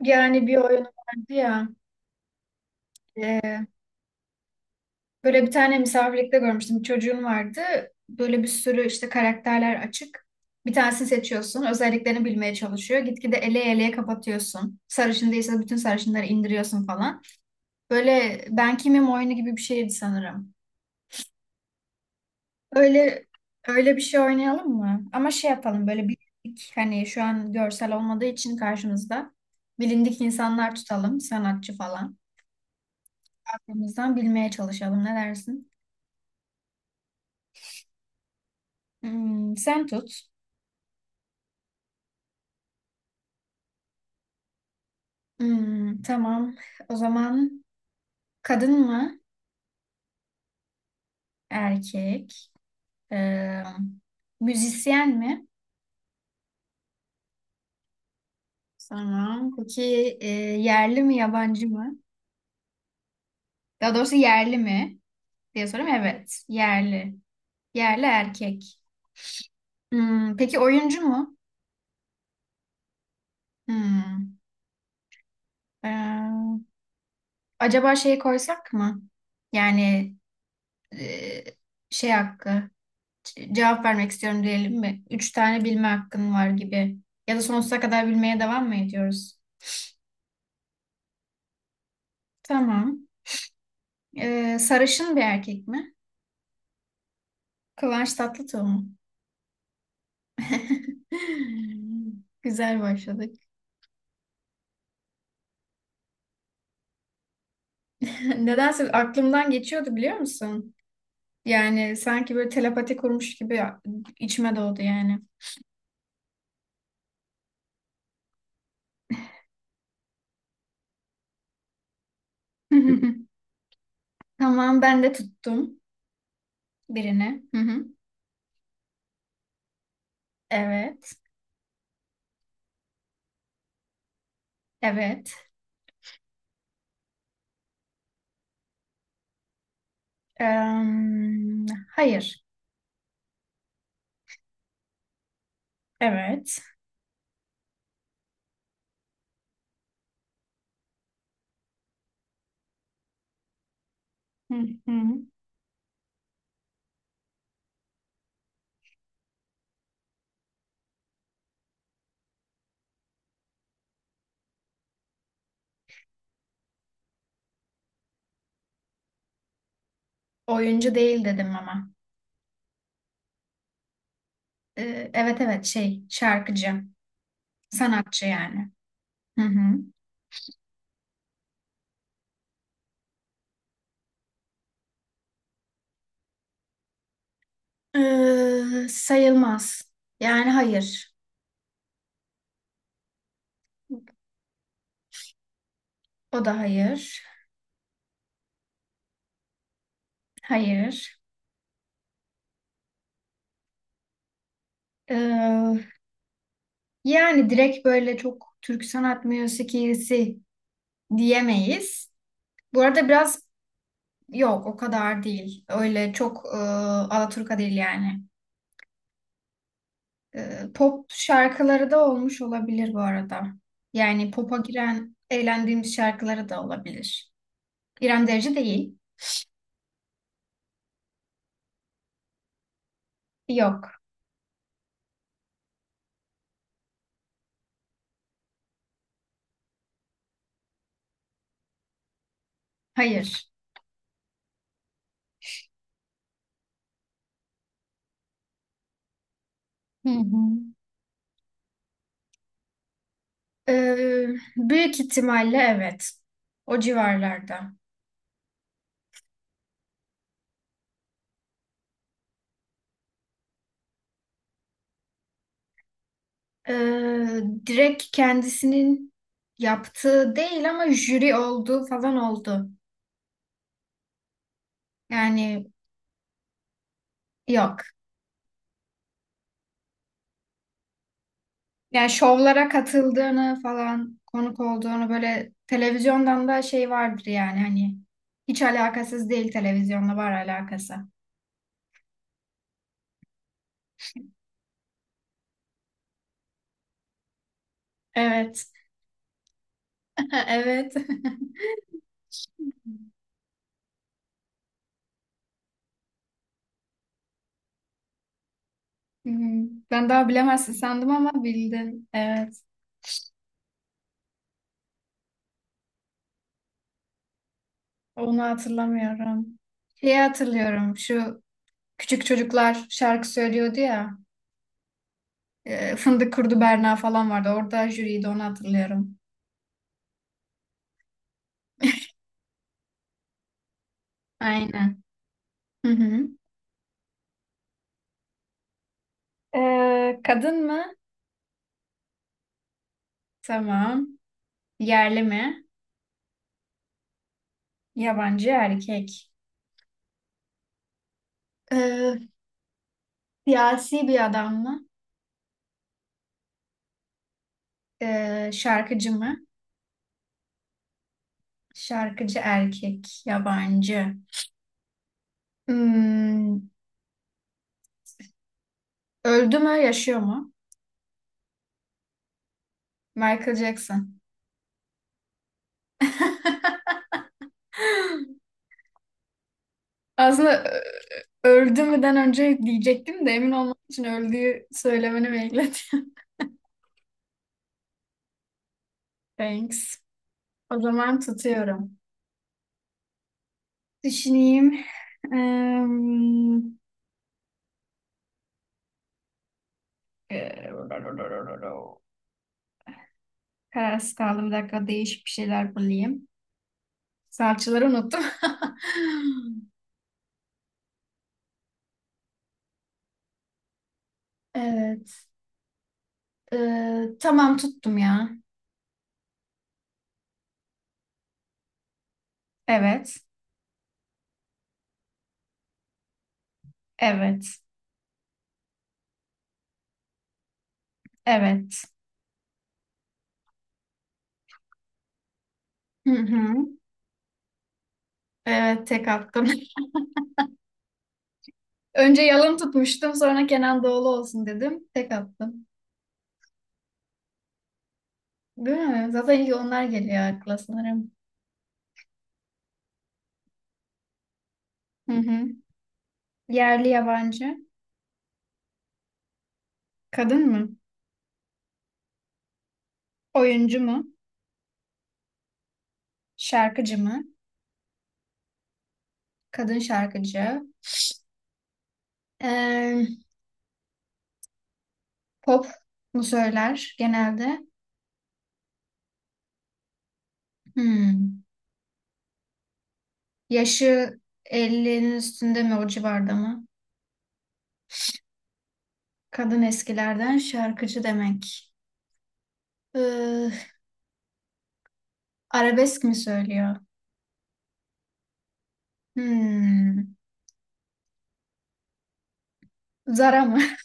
Yani bir oyun vardı ya. e, Böyle bir tane misafirlikte görmüştüm. Bir çocuğun vardı. Böyle bir sürü işte karakterler açık. Bir tanesini seçiyorsun. Özelliklerini bilmeye çalışıyor. Gitgide eleye eleye kapatıyorsun. Sarışın değilse bütün sarışınları indiriyorsun falan. Böyle ben kimim oyunu gibi bir şeydi sanırım. Öyle öyle bir şey oynayalım mı? Ama şey yapalım böyle bilindik hani şu an görsel olmadığı için karşımızda bilindik insanlar tutalım sanatçı falan. Aklımızdan bilmeye çalışalım ne dersin? Hmm, sen tut. Hmm, tamam. O zaman kadın mı? Erkek. Ee, Müzisyen mi? Tamam. Peki e, yerli mi yabancı mı? Daha doğrusu yerli mi diye sorayım. Evet. Yerli. Yerli erkek. Hmm, peki oyuncu mu? Hmm, ee, Acaba şey koysak mı? Yani e, şey hakkı. Cevap vermek istiyorum diyelim mi? Üç tane bilme hakkın var gibi. Ya da sonsuza kadar bilmeye devam mı ediyoruz? Tamam. Sarışın bir erkek mi? Kıvanç Tatlıtuğ mu? Güzel başladık. Nedense aklımdan geçiyordu biliyor musun? Yani sanki böyle telepati kurmuş gibi içime doğdu yani. Tamam ben de tuttum birini. Hı hı. Evet. Evet. Em, hayır. Evet. Hı hı. Oyuncu değil dedim ama. Evet evet şey şarkıcı. Sanatçı yani. Hı hı. Sayılmaz. Yani hayır. O da hayır. Hayır. Ee, yani direkt böyle çok Türk sanat müziğisi diyemeyiz. Bu arada biraz yok o kadar değil. Öyle çok Alaturka değil yani. Pop şarkıları da olmuş olabilir bu arada. Yani pop'a giren eğlendiğimiz şarkıları da olabilir. İrem Derici değil. Yok. Hayır. Hı hı. Ee, büyük ihtimalle evet. O civarlarda. Ee, direkt kendisinin yaptığı değil ama jüri olduğu falan oldu. Yani yok. Yani şovlara katıldığını falan konuk olduğunu böyle televizyondan da şey vardır yani hani hiç alakasız değil televizyonla var alakası. Evet. Evet. Hı hı. Ben daha bilemezsin sandım ama bildin. Evet. Onu hatırlamıyorum. Şeyi hatırlıyorum. Şu küçük çocuklar şarkı söylüyordu ya. Fındık Kurdu Berna falan vardı. Orada jüriydi onu hatırlıyorum. Aynen. Hı hı. Kadın mı? Tamam. Yerli mi? Yabancı erkek. Ee, siyasi bir adam mı? Şarkıcı mı? Şarkıcı erkek. Yabancı. Hmm, öldü mü? Yaşıyor mu? Michael Jackson. Aslında öldü müden önce diyecektim de emin olmak için öldüğü söylemeni bekledim. Thanks. O zaman tutuyorum. Düşüneyim. Eee, eee, Kararsız kaldım. Bir dakika değişik bir şeyler bulayım. Salçaları unuttum. Evet. Tamam tuttum ya. Evet. Evet. Evet. Hı hı. Evet tek attım. Önce yalın tutmuştum sonra Kenan Doğulu olsun dedim. Tek attım. Değil mi? Zaten ilk onlar geliyor akla sanırım. Hı hı. Yerli yabancı. Kadın mı? Oyuncu mu? Şarkıcı mı? Kadın şarkıcı. Ee, pop mu söyler genelde? Hmm. Yaşı elli'nin üstünde mi o civarda mı? Kadın eskilerden şarkıcı demek. Ee, arabesk mi söylüyor? Hmm. Zara mı?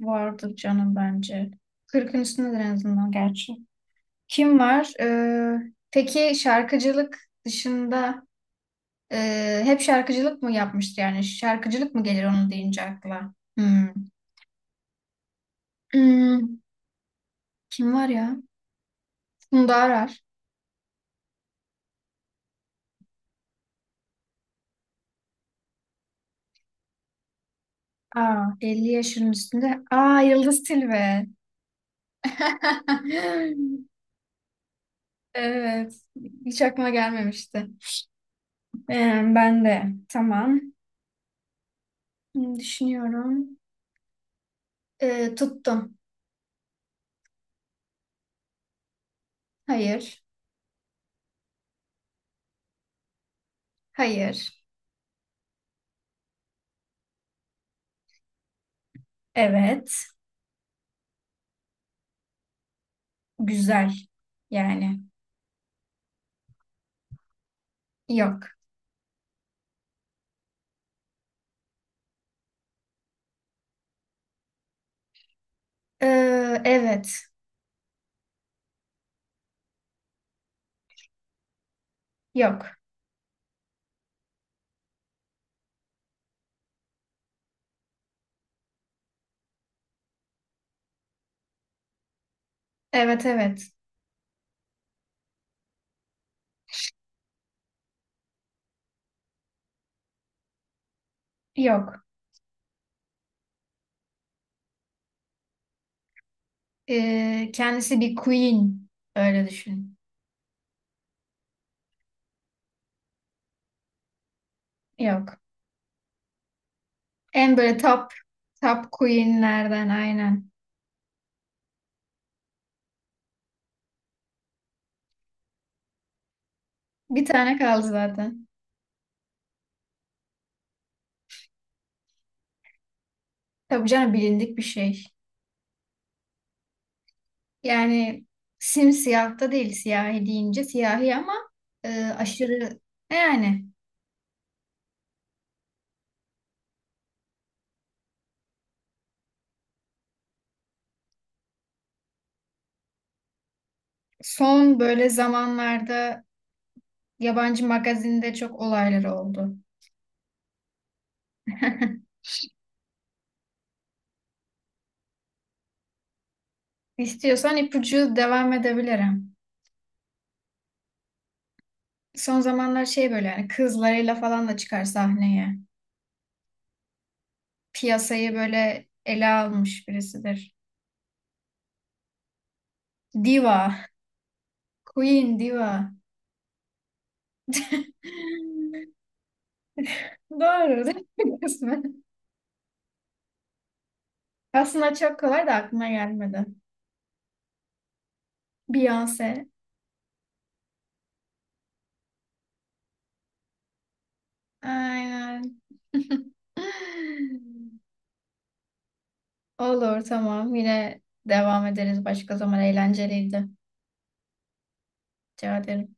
Vardır canım bence. 40'ın üstündedir en azından gerçi. Kim var? Peki şarkıcılık dışında hep şarkıcılık mı yapmıştı yani? Şarkıcılık mı gelir onun deyince akla? Hmm. Hmm, kim var ya? Funda Arar. Aa, 50 yaşının üstünde. Aa, Yıldız Tilbe. Evet. Hiç aklıma gelmemişti. Ben de. Tamam. Hmm, düşünüyorum. Tuttum. Hayır. Hayır. Evet. Güzel. Yani. Yok. Ee, evet. Yok. Evet evet. Yok. Kendisi bir queen. Öyle düşün. Yok. En böyle top queenlerden aynen. Bir tane kaldı zaten. Tabii canım bilindik bir şey. Yani simsiyah da değil siyahi deyince siyahi ama aşırı yani son böyle zamanlarda yabancı magazinde çok olayları oldu. İstiyorsan ipucu devam edebilirim. Son zamanlar şey böyle yani kızlarıyla falan da çıkar sahneye. Piyasayı böyle ele almış birisidir. Diva. Queen Diva. Doğru değil mi kısmen? Aslında çok kolay da aklıma gelmedi. Beyoncé. Aynen. Olur tamam. Yine devam ederiz başka zaman. Eğlenceliydi. Rica ederim.